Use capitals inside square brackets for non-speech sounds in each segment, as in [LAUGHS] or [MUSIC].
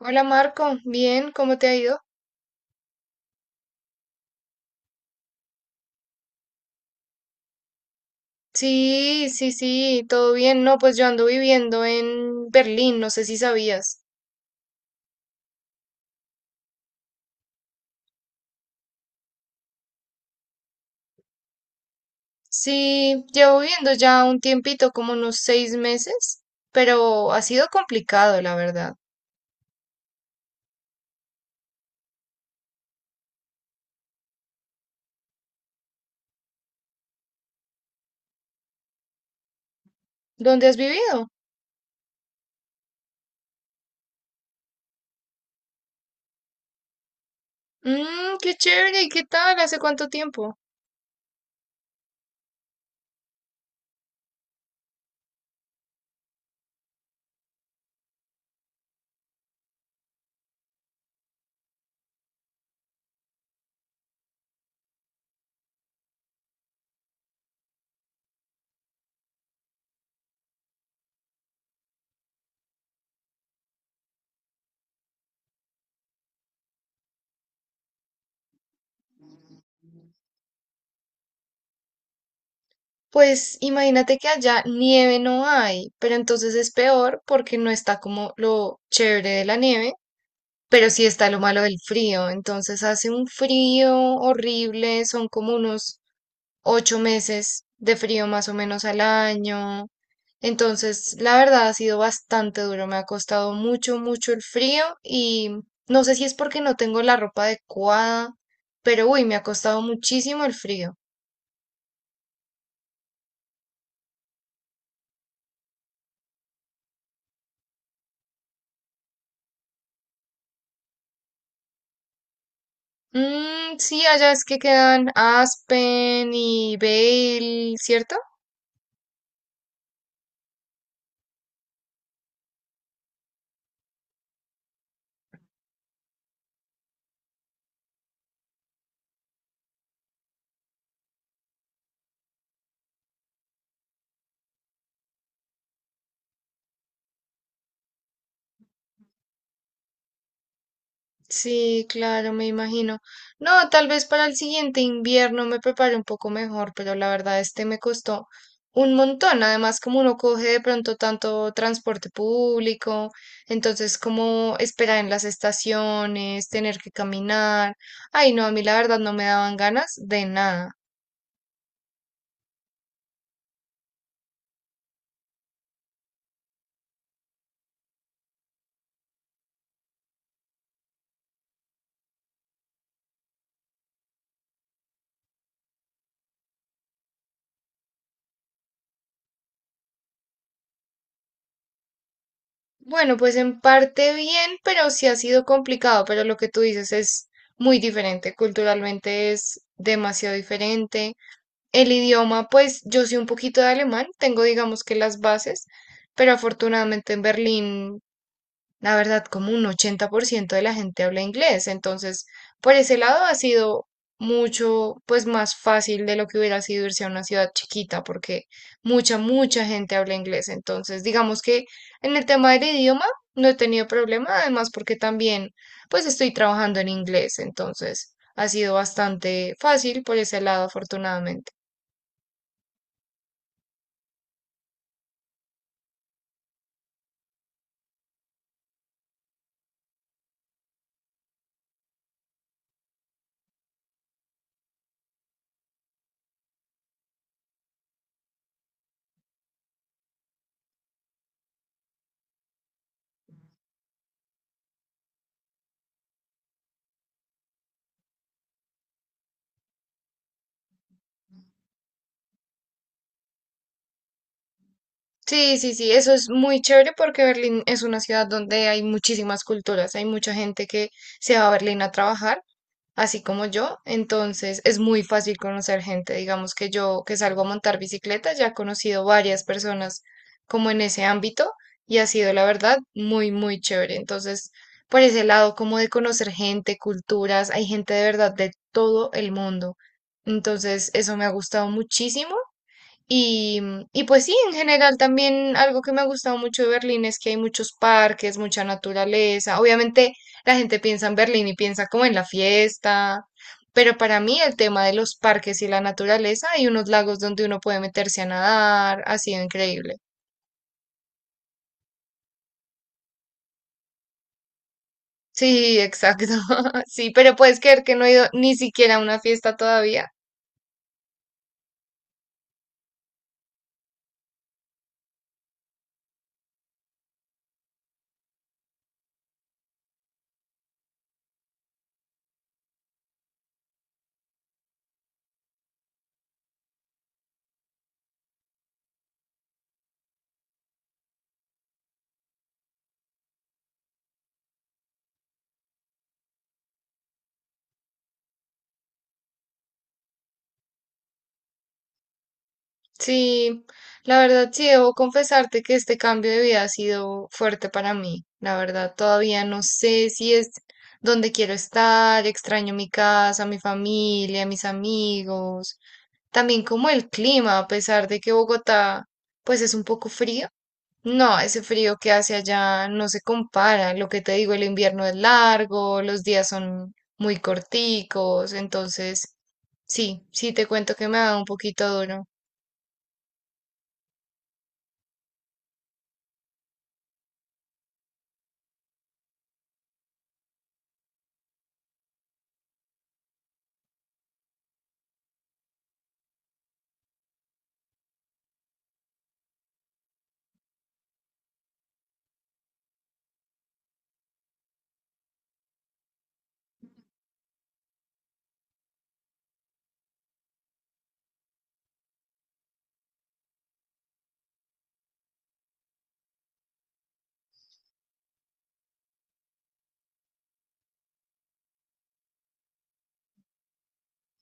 Hola Marco, bien, ¿cómo te ha ido? Sí, sí, sí, todo bien. No, pues yo ando viviendo en Berlín, no sé si sabías. Sí, llevo viviendo ya un tiempito, como unos 6 meses, pero ha sido complicado, la verdad. ¿Dónde has vivido? Mmm, qué chévere, ¿y qué tal? ¿Hace cuánto tiempo? Pues imagínate que allá nieve no hay, pero entonces es peor porque no está como lo chévere de la nieve. Pero sí está lo malo del frío, entonces hace un frío horrible, son como unos 8 meses de frío más o menos al año. Entonces, la verdad ha sido bastante duro, me ha costado mucho, mucho el frío y no sé si es porque no tengo la ropa adecuada, pero uy, me ha costado muchísimo el frío. Mm, sí, allá es que quedan Aspen y Vail, ¿cierto? Sí, claro, me imagino. No, tal vez para el siguiente invierno me prepare un poco mejor, pero la verdad este me costó un montón. Además, como uno coge de pronto tanto transporte público, entonces como esperar en las estaciones, tener que caminar. Ay, no, a mí la verdad no me daban ganas de nada. Bueno, pues en parte bien, pero sí ha sido complicado, pero lo que tú dices es muy diferente. Culturalmente es demasiado diferente. El idioma, pues yo sé un poquito de alemán, tengo digamos que las bases, pero afortunadamente en Berlín, la verdad, como un 80% de la gente habla inglés, entonces por ese lado ha sido mucho, pues más fácil de lo que hubiera sido irse a una ciudad chiquita, porque mucha, mucha gente habla inglés, entonces digamos que en el tema del idioma no he tenido problema, además porque también, pues estoy trabajando en inglés, entonces ha sido bastante fácil por ese lado, afortunadamente. Sí, sí, sí, eso es muy chévere porque Berlín es una ciudad donde hay muchísimas culturas, hay mucha gente que se va a Berlín a trabajar, así como yo, entonces es muy fácil conocer gente, digamos que yo que salgo a montar bicicleta ya he conocido varias personas como en ese ámbito y ha sido la verdad muy, muy chévere, entonces por ese lado como de conocer gente, culturas, hay gente de verdad de todo el mundo, entonces eso me ha gustado muchísimo. Y, y pues sí, en general también algo que me ha gustado mucho de Berlín es que hay muchos parques, mucha naturaleza. Obviamente la gente piensa en Berlín y piensa como en la fiesta, pero para mí el tema de los parques y la naturaleza, hay unos lagos donde uno puede meterse a nadar, ha sido increíble. Sí, exacto. [LAUGHS] Sí, pero puedes creer que no he ido ni siquiera a una fiesta todavía. Sí, la verdad sí debo confesarte que este cambio de vida ha sido fuerte para mí. La verdad, todavía no sé si es donde quiero estar, extraño mi casa, mi familia, mis amigos, también como el clima, a pesar de que Bogotá pues es un poco frío. No, ese frío que hace allá no se compara. Lo que te digo, el invierno es largo, los días son muy corticos, entonces sí, sí te cuento que me ha dado un poquito duro.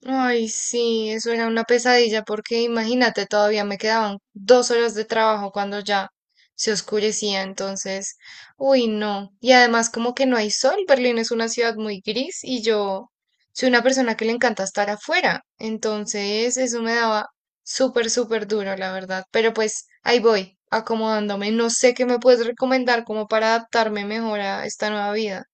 Ay, sí, eso era una pesadilla porque imagínate, todavía me quedaban 2 horas de trabajo cuando ya se oscurecía, entonces, uy, no. Y además como que no hay sol, Berlín es una ciudad muy gris y yo soy una persona que le encanta estar afuera, entonces eso me daba súper, súper duro, la verdad. Pero pues ahí voy, acomodándome. No sé qué me puedes recomendar como para adaptarme mejor a esta nueva vida.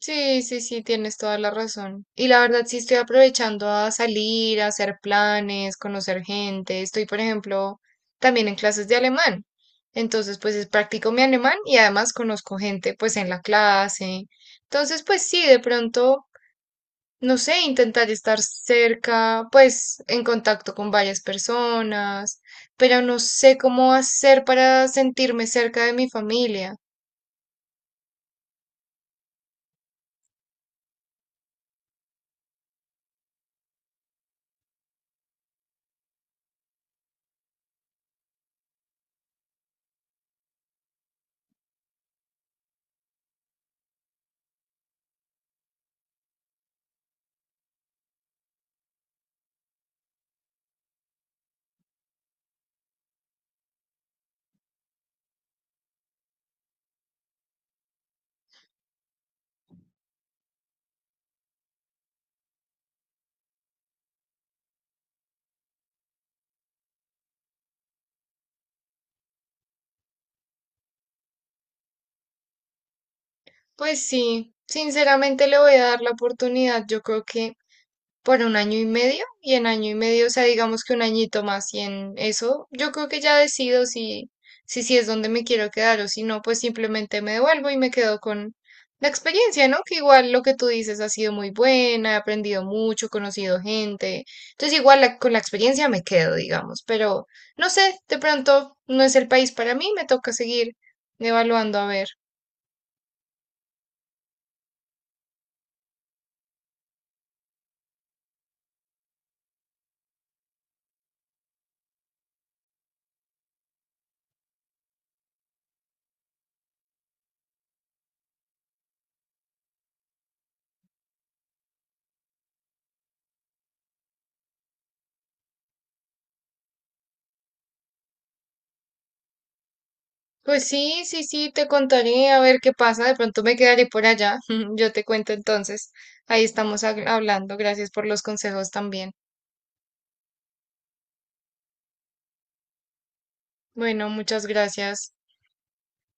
Sí, sí, sí, tienes toda la razón. Y la verdad sí estoy aprovechando a salir, a hacer planes, conocer gente. Estoy, por ejemplo, también en clases de alemán. Entonces, pues practico mi alemán y además conozco gente, pues en la clase. Entonces, pues sí, de pronto, no sé, intentar estar cerca, pues en contacto con varias personas, pero no sé cómo hacer para sentirme cerca de mi familia. Pues sí, sinceramente le voy a dar la oportunidad, yo creo que por un año y medio, y en año y medio, o sea, digamos que un añito más, y en eso yo creo que ya decido si es donde me quiero quedar o si no, pues simplemente me devuelvo y me quedo con la experiencia, ¿no? Que igual lo que tú dices ha sido muy buena, he aprendido mucho, he conocido gente, entonces igual con la experiencia me quedo, digamos, pero no sé, de pronto no es el país para mí, me toca seguir evaluando a ver. Pues sí, sí, sí, te contaré a ver qué pasa. De pronto me quedaré por allá. [LAUGHS] Yo te cuento entonces. Ahí estamos hablando. Gracias por los consejos también. Bueno, muchas gracias.